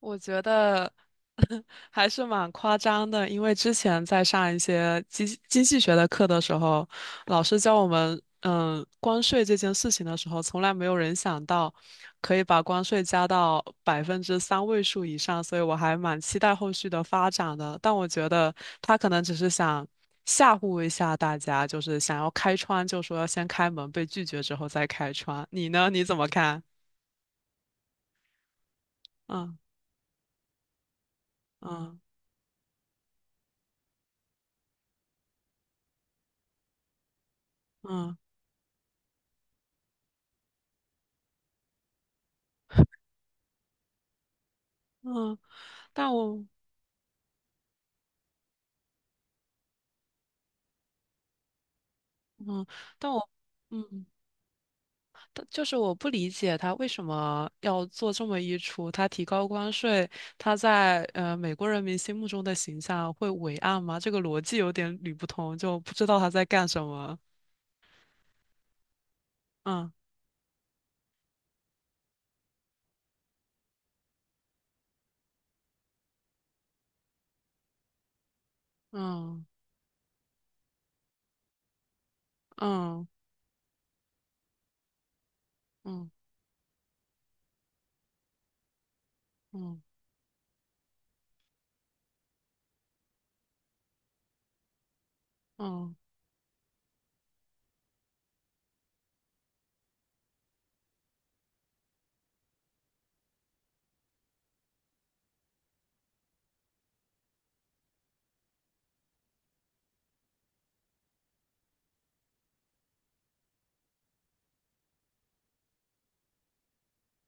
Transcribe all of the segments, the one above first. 我觉得 还是蛮夸张的，因为之前在上一些经济学的课的时候，老师教我们，关税这件事情的时候，从来没有人想到可以把关税加到百分之三位数以上，所以我还蛮期待后续的发展的。但我觉得他可能只是想吓唬一下大家，就是想要开窗，就说要先开门，被拒绝之后再开窗。你呢？你怎么看？嗯。嗯。嗯。嗯。但我嗯，但我，嗯，但就是我不理解他为什么要做这么一出。他提高关税，他在美国人民心目中的形象会伟岸吗？这个逻辑有点捋不通，就不知道他在干什么。嗯。嗯。嗯。嗯。嗯。嗯。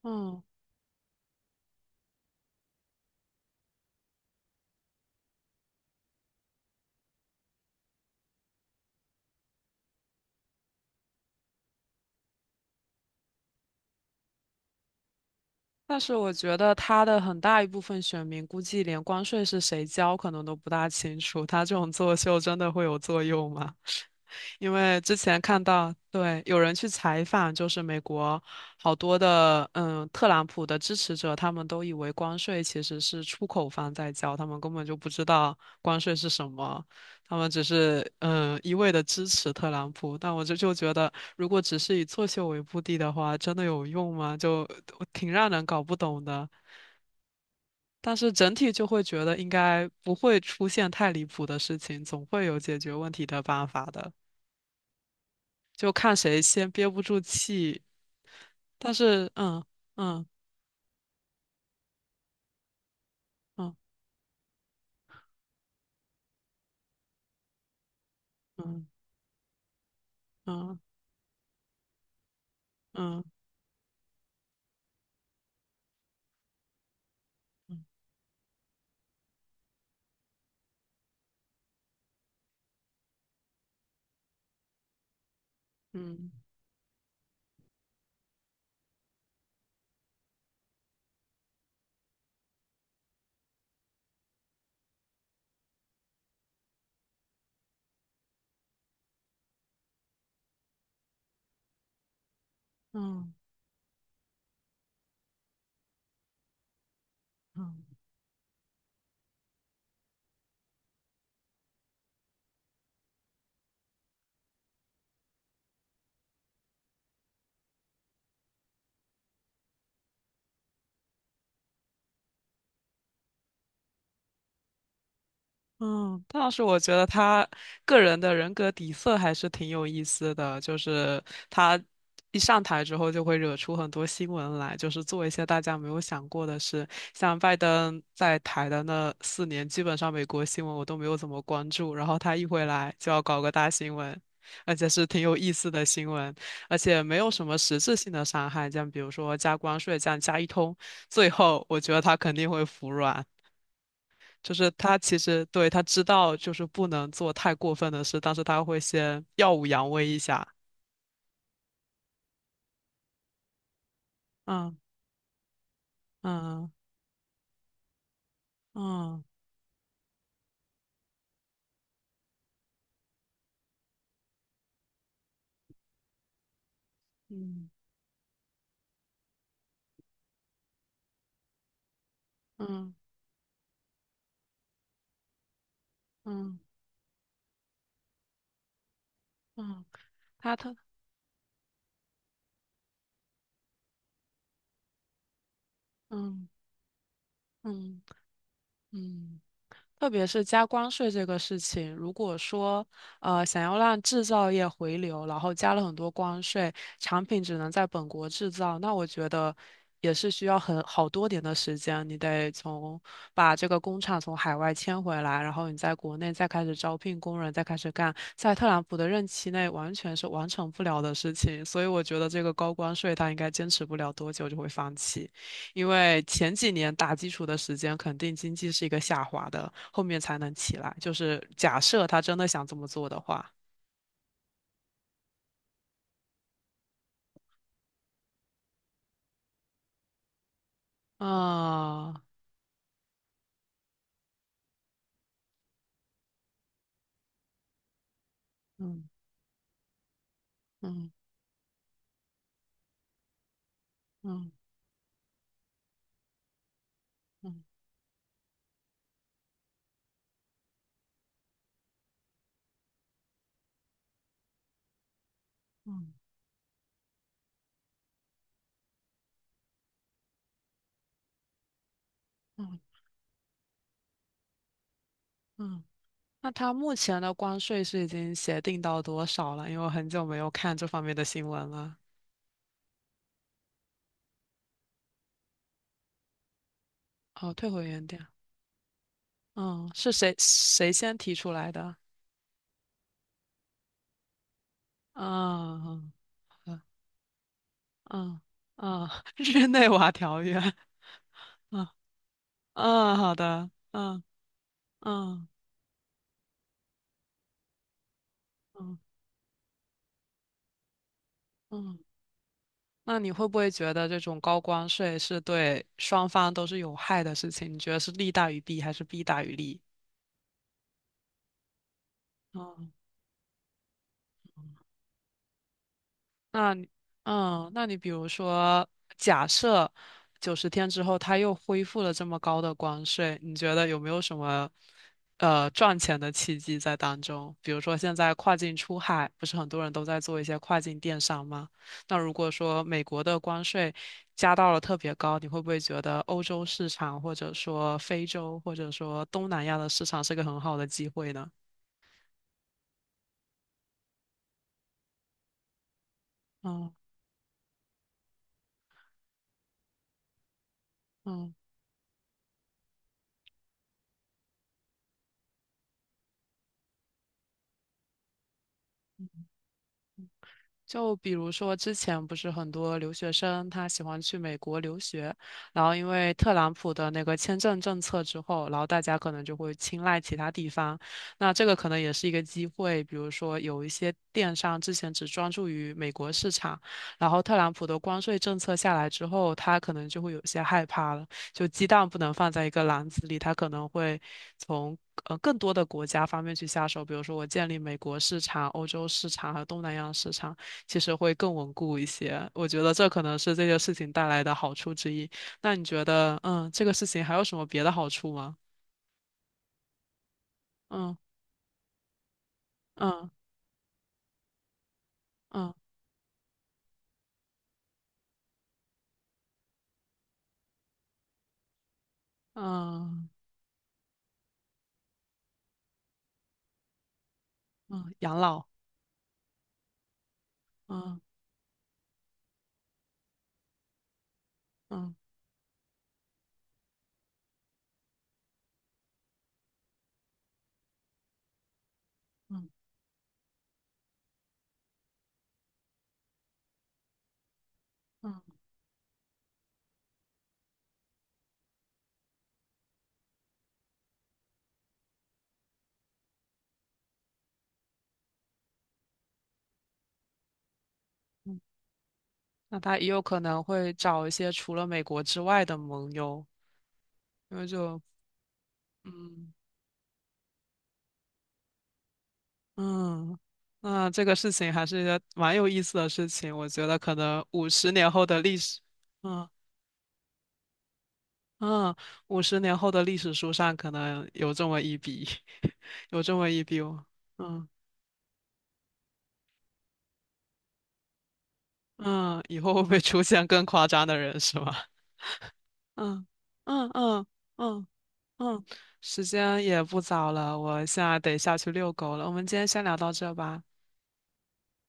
嗯。但是我觉得他的很大一部分选民估计连关税是谁交可能都不大清楚，他这种作秀真的会有作用吗？因为之前看到，对，有人去采访，就是美国好多的特朗普的支持者，他们都以为关税其实是出口方在交，他们根本就不知道关税是什么，他们只是一味的支持特朗普，但我就觉得，如果只是以作秀为目的的话，真的有用吗？就挺让人搞不懂的。但是整体就会觉得应该不会出现太离谱的事情，总会有解决问题的办法的，就看谁先憋不住气。但是。嗯。嗯。嗯。嗯。嗯。嗯。嗯。嗯。嗯。嗯。嗯，但是我觉得他个人的人格底色还是挺有意思的，就是他一上台之后就会惹出很多新闻来，就是做一些大家没有想过的事。像拜登在台的那4年，基本上美国新闻我都没有怎么关注，然后他一回来就要搞个大新闻，而且是挺有意思的新闻，而且没有什么实质性的伤害，像比如说加关税这样加一通，最后我觉得他肯定会服软。就是他其实对他知道就是不能做太过分的事，但是他会先耀武扬威一下。嗯。嗯。嗯。嗯。嗯。嗯。嗯。他他嗯。嗯。嗯。特别是加关税这个事情，如果说想要让制造业回流，然后加了很多关税，产品只能在本国制造，那我觉得也是需要很好多年的时间，你得从把这个工厂从海外迁回来，然后你在国内再开始招聘工人，再开始干，在特朗普的任期内完全是完成不了的事情，所以我觉得这个高关税他应该坚持不了多久就会放弃。因为前几年打基础的时间，肯定经济是一个下滑的，后面才能起来。就是假设他真的想这么做的话，啊。嗯。嗯。嗯。嗯。嗯。嗯。嗯。那他目前的关税是已经协定到多少了？因为我很久没有看这方面的新闻了。哦，退回原点。嗯，是谁先提出来的？嗯。嗯。嗯。嗯。日内瓦条约。嗯。嗯。好的。嗯。嗯。嗯。嗯，那你会不会觉得这种高关税是对双方都是有害的事情？你觉得是利大于弊还是弊大于利？那你，嗯，那你比如说，假设90天之后它又恢复了这么高的关税，你觉得有没有什么赚钱的契机在当中？比如说现在跨境出海，不是很多人都在做一些跨境电商吗？那如果说美国的关税加到了特别高，你会不会觉得欧洲市场或者说非洲或者说东南亚的市场是个很好的机会呢？嗯。嗯。就比如说，之前不是很多留学生他喜欢去美国留学，然后因为特朗普的那个签证政策之后，然后大家可能就会青睐其他地方。那这个可能也是一个机会，比如说有一些电商之前只专注于美国市场，然后特朗普的关税政策下来之后，他可能就会有些害怕了，就鸡蛋不能放在一个篮子里，他可能会从。更多的国家方面去下手，比如说我建立美国市场、欧洲市场和东南亚市场，其实会更稳固一些。我觉得这可能是这件事情带来的好处之一。那你觉得，嗯，这个事情还有什么别的好处吗？嗯。嗯。嗯。嗯。嗯。养老。嗯。嗯。嗯。嗯。嗯。那他也有可能会找一些除了美国之外的盟友，因为就。嗯。嗯。那这个事情还是一个蛮有意思的事情，我觉得可能五十年后的历史，嗯。嗯，五十年后的历史书上可能有这么一笔，有这么一笔哦。嗯。嗯。以后会不会出现更夸张的人是吗？嗯。嗯。嗯。嗯。嗯。时间也不早了，我现在得下去遛狗了。我们今天先聊到这吧。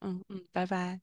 嗯。嗯。拜拜。